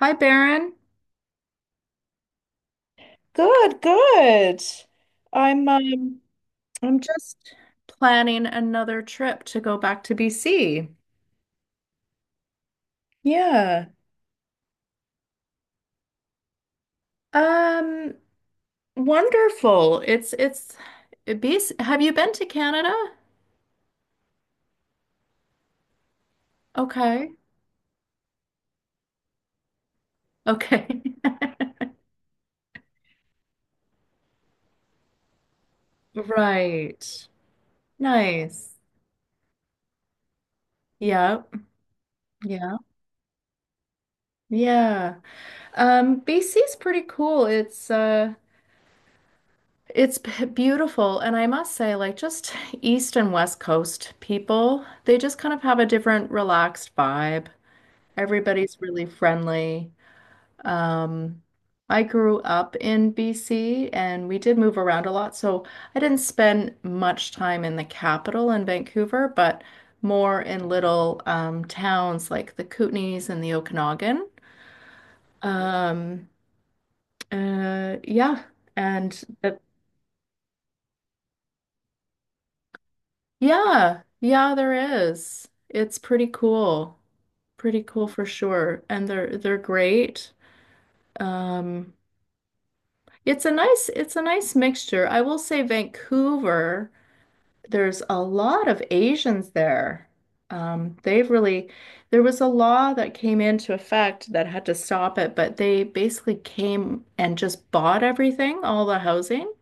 Hi, Baron. Good, good. I'm um I'm Just planning another trip to go back to BC. Yeah. Um, Wonderful. It's BC. Have you been to Canada? Okay. Okay. Right. Nice. Yeah. Yeah. Yeah. BC's pretty cool. It's It's beautiful. And I must say, like, just East and West Coast people, they just kind of have a different relaxed vibe. Everybody's really friendly. Um, I grew up in BC and we did move around a lot. So I didn't spend much time in the capital in Vancouver, but more in little towns like the Kootenays and the Okanagan. Um, uh, yeah. And the Yeah, yeah, there is. It's pretty cool. Pretty cool for sure. And they're great. Um, it's a nice mixture. I will say Vancouver, there's a lot of Asians there. They've really There was a law that came into effect that had to stop it, but they basically came and just bought everything, all the housing,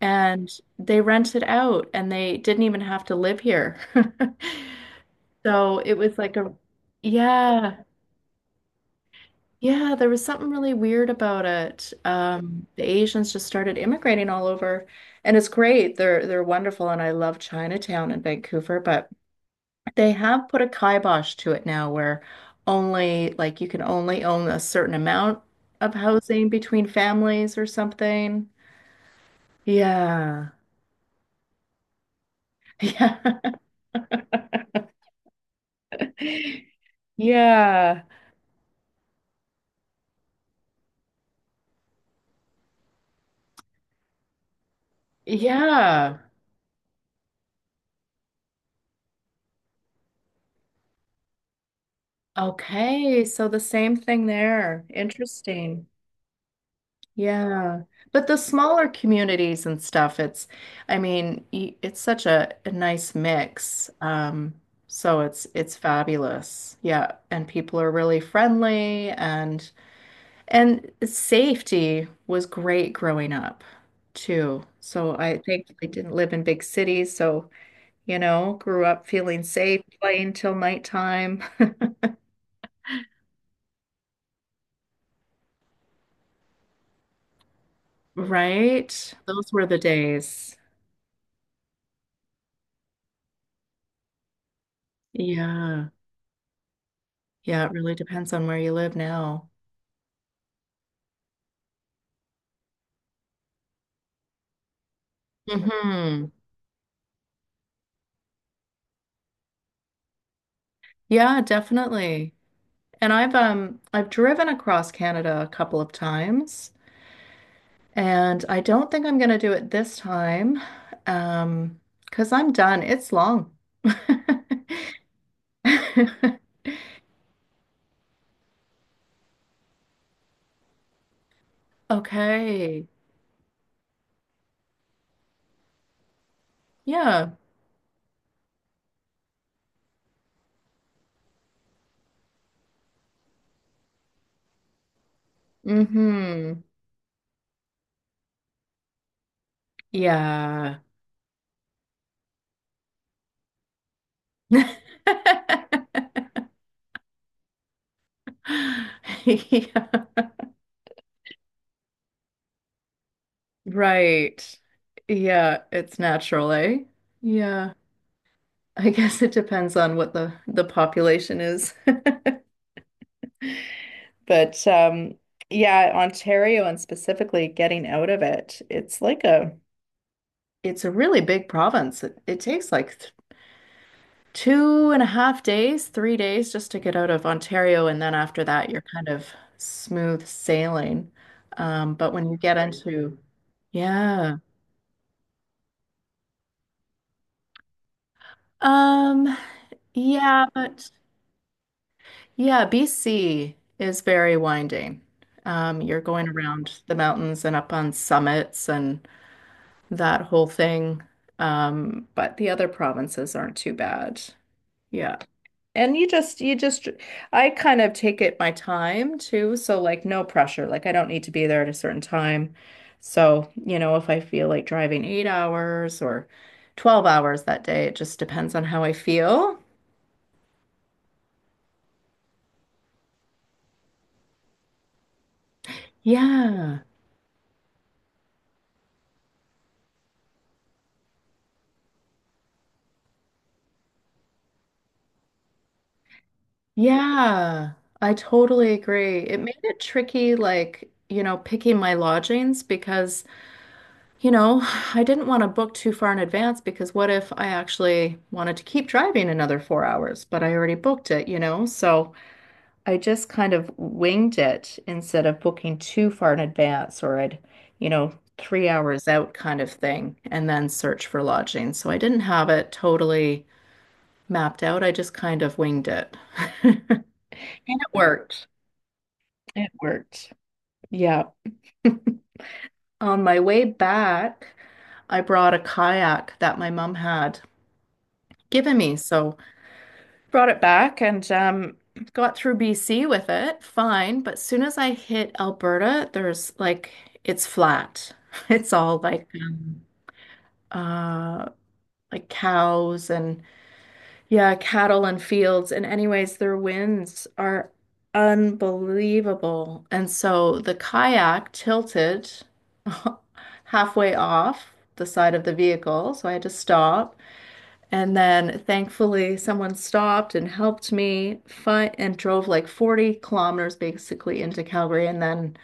and they rent it out and they didn't even have to live here. So it was like a, yeah, yeah, there was something really weird about it. The Asians just started immigrating all over, and it's great. They're wonderful, and I love Chinatown in Vancouver, but they have put a kibosh to it now where only like you can only own a certain amount of housing between families or something. Yeah. Yeah. Yeah. Yeah. Okay. So the same thing there. Interesting. Yeah. But the smaller communities and stuff, it's, I mean, it's such a nice mix. So it's fabulous. Yeah, and people are really friendly and safety was great growing up too. So I think I didn't live in big cities, so you know, grew up feeling safe, playing till nighttime, right? Those were the days. Yeah. Yeah, it really depends on where you live now. Hmm. Yeah, definitely. And I've driven across Canada a couple of times, and I don't think I'm gonna do it this time, um, because I'm done. It's long. Okay. Yeah. Mm-hmm. Yeah. Yeah. Right. Yeah, it's natural, eh? Yeah. I guess it depends on what the population is. But yeah, Ontario and specifically getting out of it, it's like a it's a really big province. It takes like th two and a half days, 3 days just to get out of Ontario, and then after that, you're kind of smooth sailing. But when you get into yeah, um, yeah, but yeah, BC is very winding. You're going around the mountains and up on summits and that whole thing. But the other provinces aren't too bad. Yeah. And I kind of take it my time too. So, like, no pressure. Like, I don't need to be there at a certain time. So, you know, if I feel like driving 8 hours or 12 hours that day, it just depends on how I feel. Yeah. Yeah. I totally agree. It made it tricky, like, you know, picking my lodgings because. You know, I didn't want to book too far in advance because what if I actually wanted to keep driving another 4 hours, but I already booked it, you know? So I just kind of winged it instead of booking too far in advance or I'd, you know, 3 hours out kind of thing and then search for lodging. So I didn't have it totally mapped out. I just kind of winged it. And it worked. It worked. Yeah. On my way back, I brought a kayak that my mom had given me. So brought it back and got through BC with it, fine. But soon as I hit Alberta, there's like it's flat. It's all uh, like Cows and yeah, cattle and fields. And anyways, their winds are unbelievable. And so the kayak tilted halfway off the side of the vehicle, so I had to stop. And then thankfully, someone stopped and helped me find and drove like 40 kilometers basically into Calgary. And then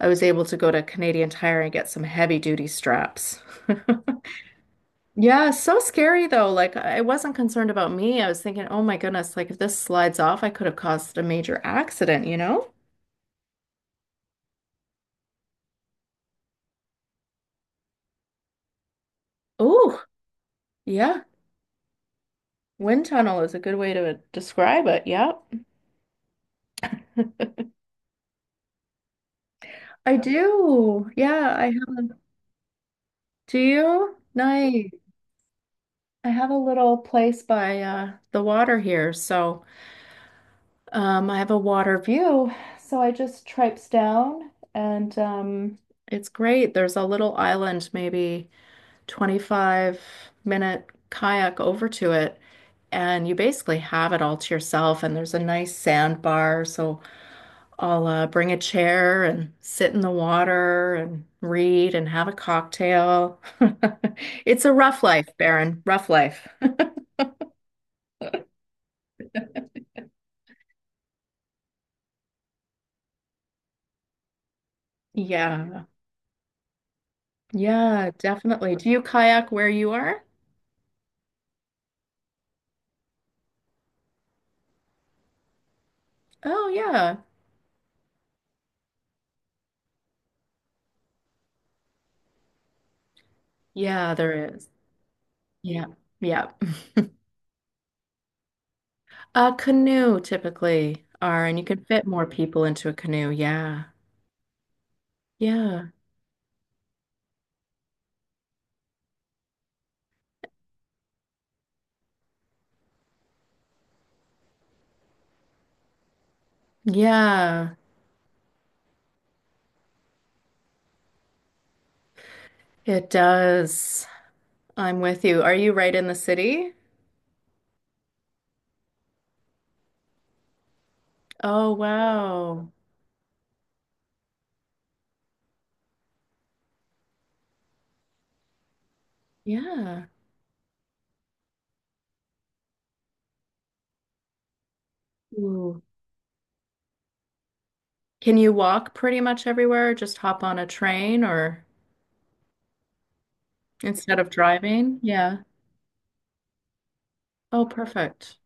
I was able to go to Canadian Tire and get some heavy duty straps. Yeah, so scary though. Like I wasn't concerned about me. I was thinking, oh my goodness, like if this slides off, I could have caused a major accident, you know? Oh yeah. Wind tunnel is a good way to describe it. Yep. I do. Yeah, I have. Do you? Nice. I have a little place by the water here, so I have a water view. So I just traipse down, and it's great. There's a little island, maybe 25-minute kayak over to it, and you basically have it all to yourself. And there's a nice sandbar, so I'll bring a chair and sit in the water and read and have a cocktail. It's a rough life, Baron. Rough life. Yeah. Yeah, definitely. Do you kayak where you are? Oh, yeah. Yeah, there is. Yeah. Yeah. A canoe typically are, and you can fit more people into a canoe. Yeah. Yeah. Yeah. It does. I'm with you. Are you right in the city? Oh, wow. Yeah. Ooh. Can you walk pretty much everywhere? Just hop on a train or instead of driving? Yeah. Oh, perfect.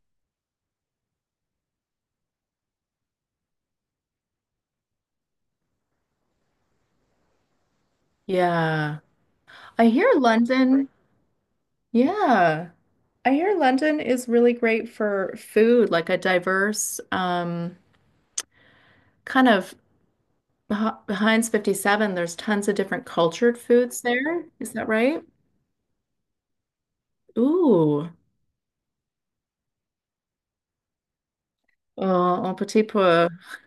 Yeah. I hear London. Yeah. I hear London is really great for food, like a diverse kind of behind 57. There's tons of different cultured foods there. Is that right? Ooh, oh, un petit peu.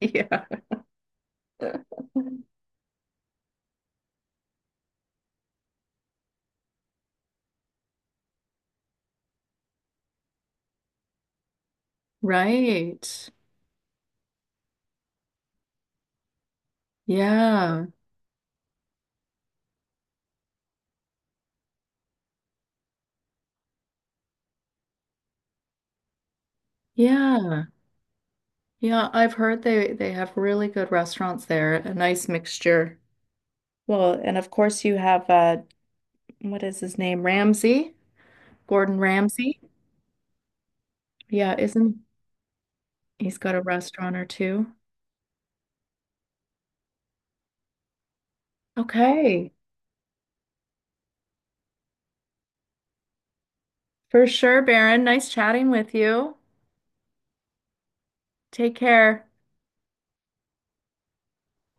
Yeah. Right. Yeah. Yeah. Yeah, I've heard they have really good restaurants there. A nice mixture. Well, and of course you have what is his name? Ramsay? Gordon Ramsay. Yeah, isn't he's got a restaurant or two? Okay, for sure, Baron. Nice chatting with you. Take care.